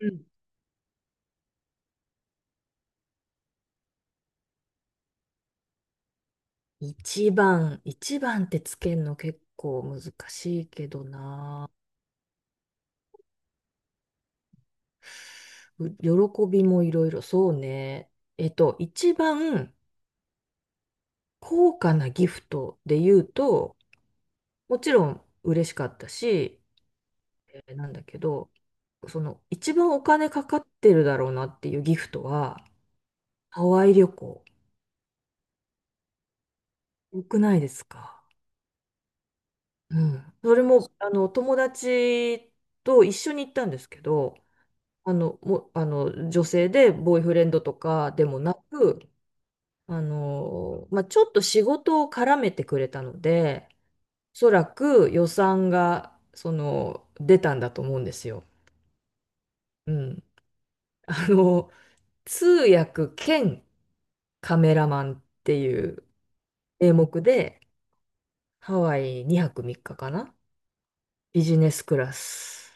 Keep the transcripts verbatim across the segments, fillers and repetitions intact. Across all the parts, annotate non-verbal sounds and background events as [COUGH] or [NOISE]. うん。一番、一番ってつけるの結構難しいけどな。う喜びもいろいろ、そうね。えっと、一番高価なギフトで言うと、もちろん嬉しかったし、えーなんだけど、その一番お金かかってるだろうなっていうギフトは、ハワイ旅行。多くないですか？うん。それも、あの、友達と一緒に行ったんですけど、あの、も、あの、女性でボーイフレンドとかでもなく、あの、まあ、ちょっと仕事を絡めてくれたので、おそらく予算が、その、出たんだと思うんですよ。うん。[LAUGHS] あの、通訳兼カメラマンっていう名目で、ハワイにはくみっかかかな。ビジネスクラス。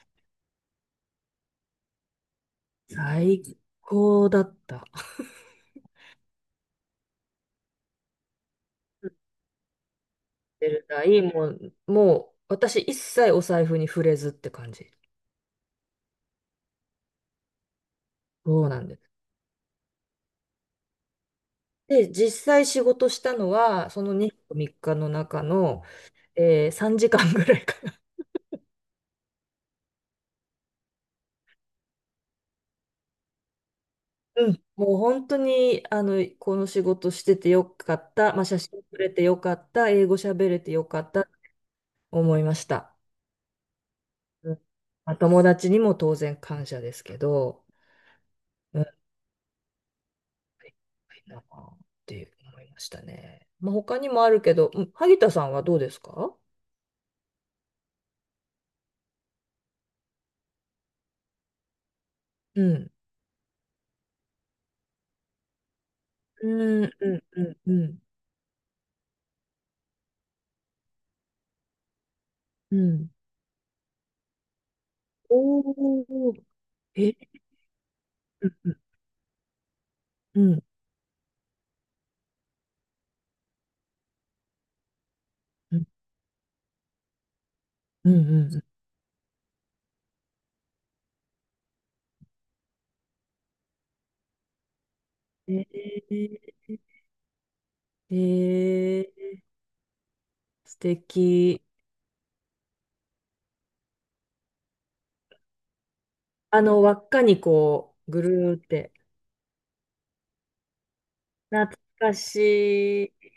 最高だった。出る代もう、もう、私一切お財布に触れずって感じ。そうなんです。で、実際仕事したのは、そのふつかみっかの中の、えーさんじかんぐらいかな。うん。もう本当に、あの、この仕事しててよかった。まあ、写真撮れてよかった。英語喋れてよかった。思いました。うん。まあ、友達にも当然感謝ですけど、うん、なあって思いましたね。まあ、他にもあるけど、うん、萩田さんはどうですか？うん。うん、うん、うん、うん。うん。おー、え、うん、うん、うん。うんうんうん。えー、えー、素敵。あの、輪っかにこう、ぐるーって。懐かしい。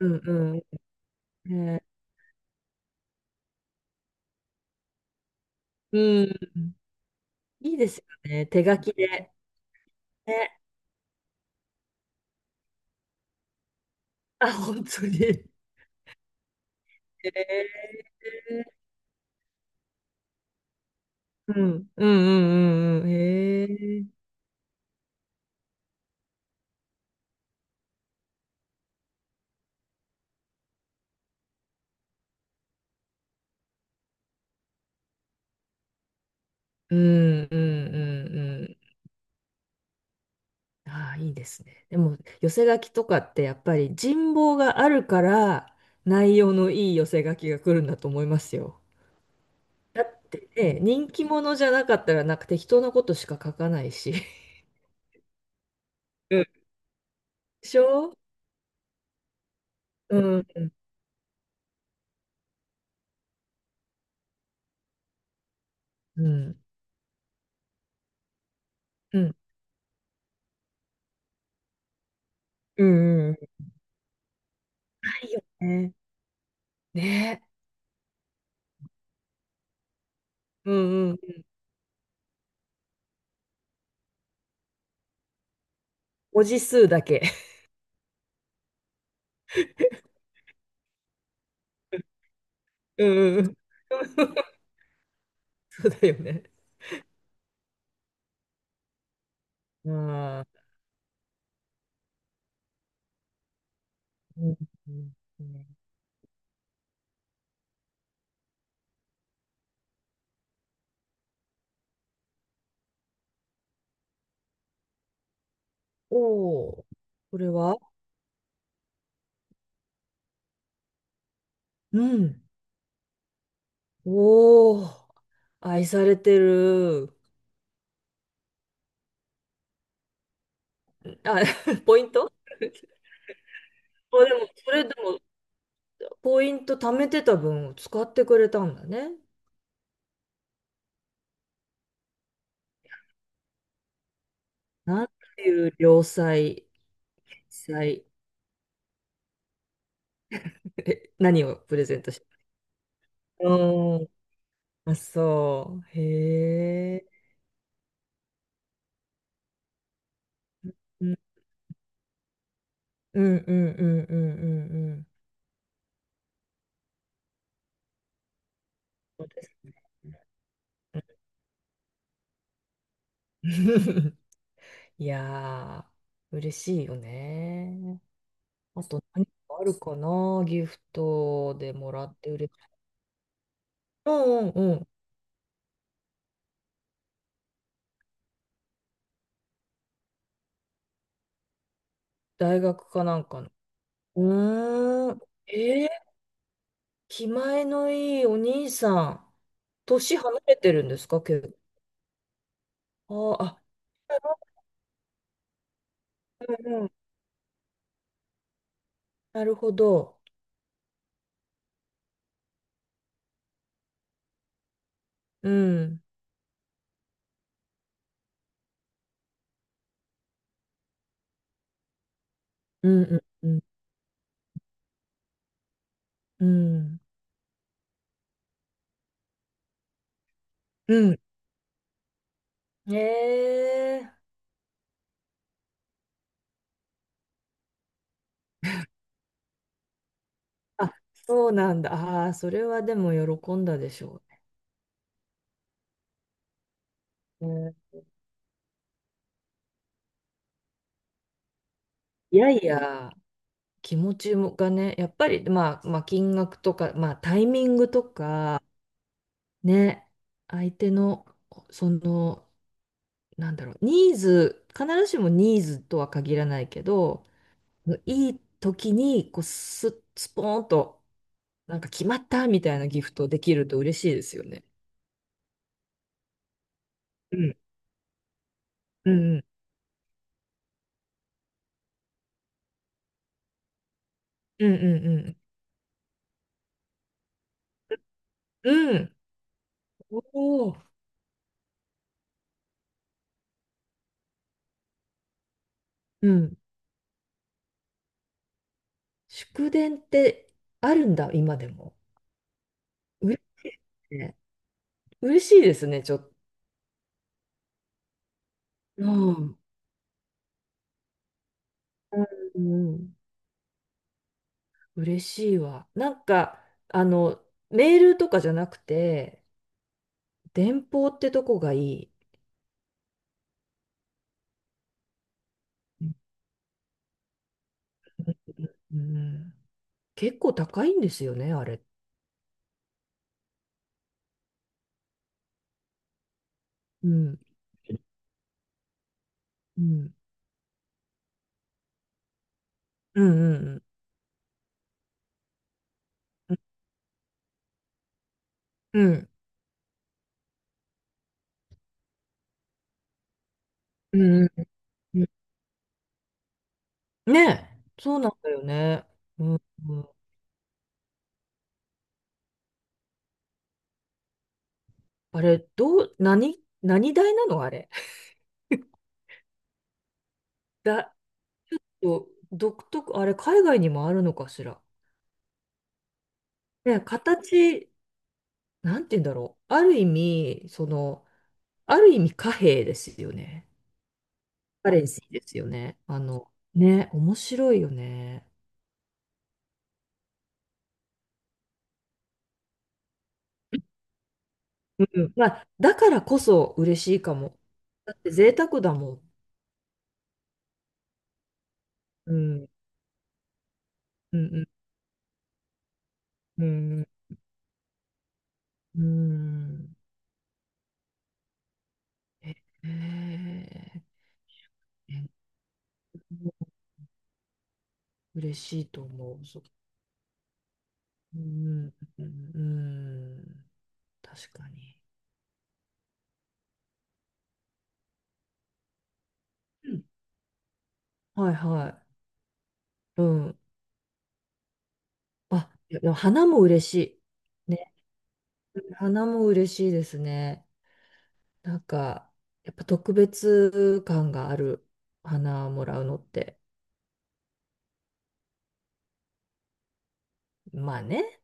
うんうん。えー、うん。いいですよね。手書きで。ね。あ、本当に。えー、うん、うんうんうんうん。えー、うんうんうんうん。ああ、いいですね。でも、寄せ書きとかってやっぱり人望があるから、内容のいい寄せ書きが来るんだと思いますよ。だってね、人気者じゃなかったらなんか適当なことしか書かないし。[LAUGHS] うん。でしょ。うん、うん、うん、うん、うん。うん。ないよね。ね。うんうん。文字数だけ。[LAUGHS] うんうん。[LAUGHS] そうだよね。ああ。うんうんうん。おおー。これは。うん。おお。愛されてる。あ、[LAUGHS] ポイント [LAUGHS] あ、でも、それでも、ポイント貯めてた分を使ってくれたんだね。なんていう良妻、妻、え、何をプレゼントした？うん。あ、そう。へえ。うんうんうんうんうんうんうん。そうですね。[LAUGHS] いやー、嬉しいよね。あと何かあるかな、ギフトでもらって嬉しい。うんうん。大学かなんかの？うーん。えー、気前のいいお兄さん。年離れてるんですか、結構？あーあ。うんうん、なるほど。うん、うん、うんうん、うん、うん。えー、あ、そうなんだ。ああ、それはでも喜んだでしょうね。いやいや、気持ちもがね、やっぱり、まあ、まあ、金額とか、まあ、タイミングとか、ね、相手の、その、なんだろう、ニーズ、必ずしもニーズとは限らないけど、いい時に、こう、ススポーンと、なんか決まったみたいなギフトできると嬉しいですよね。うん。うん。うんうんうん。うん。おお。うん。祝電ってあるんだ、今でも。嬉しいですね。嬉しいですね、ちょっと。うん。うんうん。嬉しいわ。なんか、あの、メールとかじゃなくて、電報ってとこがいい。うん、結構高いんですよね、あれ。うん、うん、うん、うん、うん、うん、うん。ねえ、そうなんだよね。うん、うん。あれ、どう、何、何代なのあれ？[LAUGHS] だ、お独特、あれ、海外にもあるのかしら？ね、形、なんて言うんだろう。ある意味、その、ある意味貨幣ですよね。カレンシーですよね。あの、ね、面白いよね。うん、まあ、だからこそ嬉しいかも。だって贅沢だもん。うん、うん、うん、うん。うん。へえ。嬉しいと思う。そう。うん、うん、うん。確かに。うん。はいはい。うん。あ、いやでも花も嬉しい。ね。花も嬉しいですね。なんか、やっぱ特別感がある花もらうのって。まあね。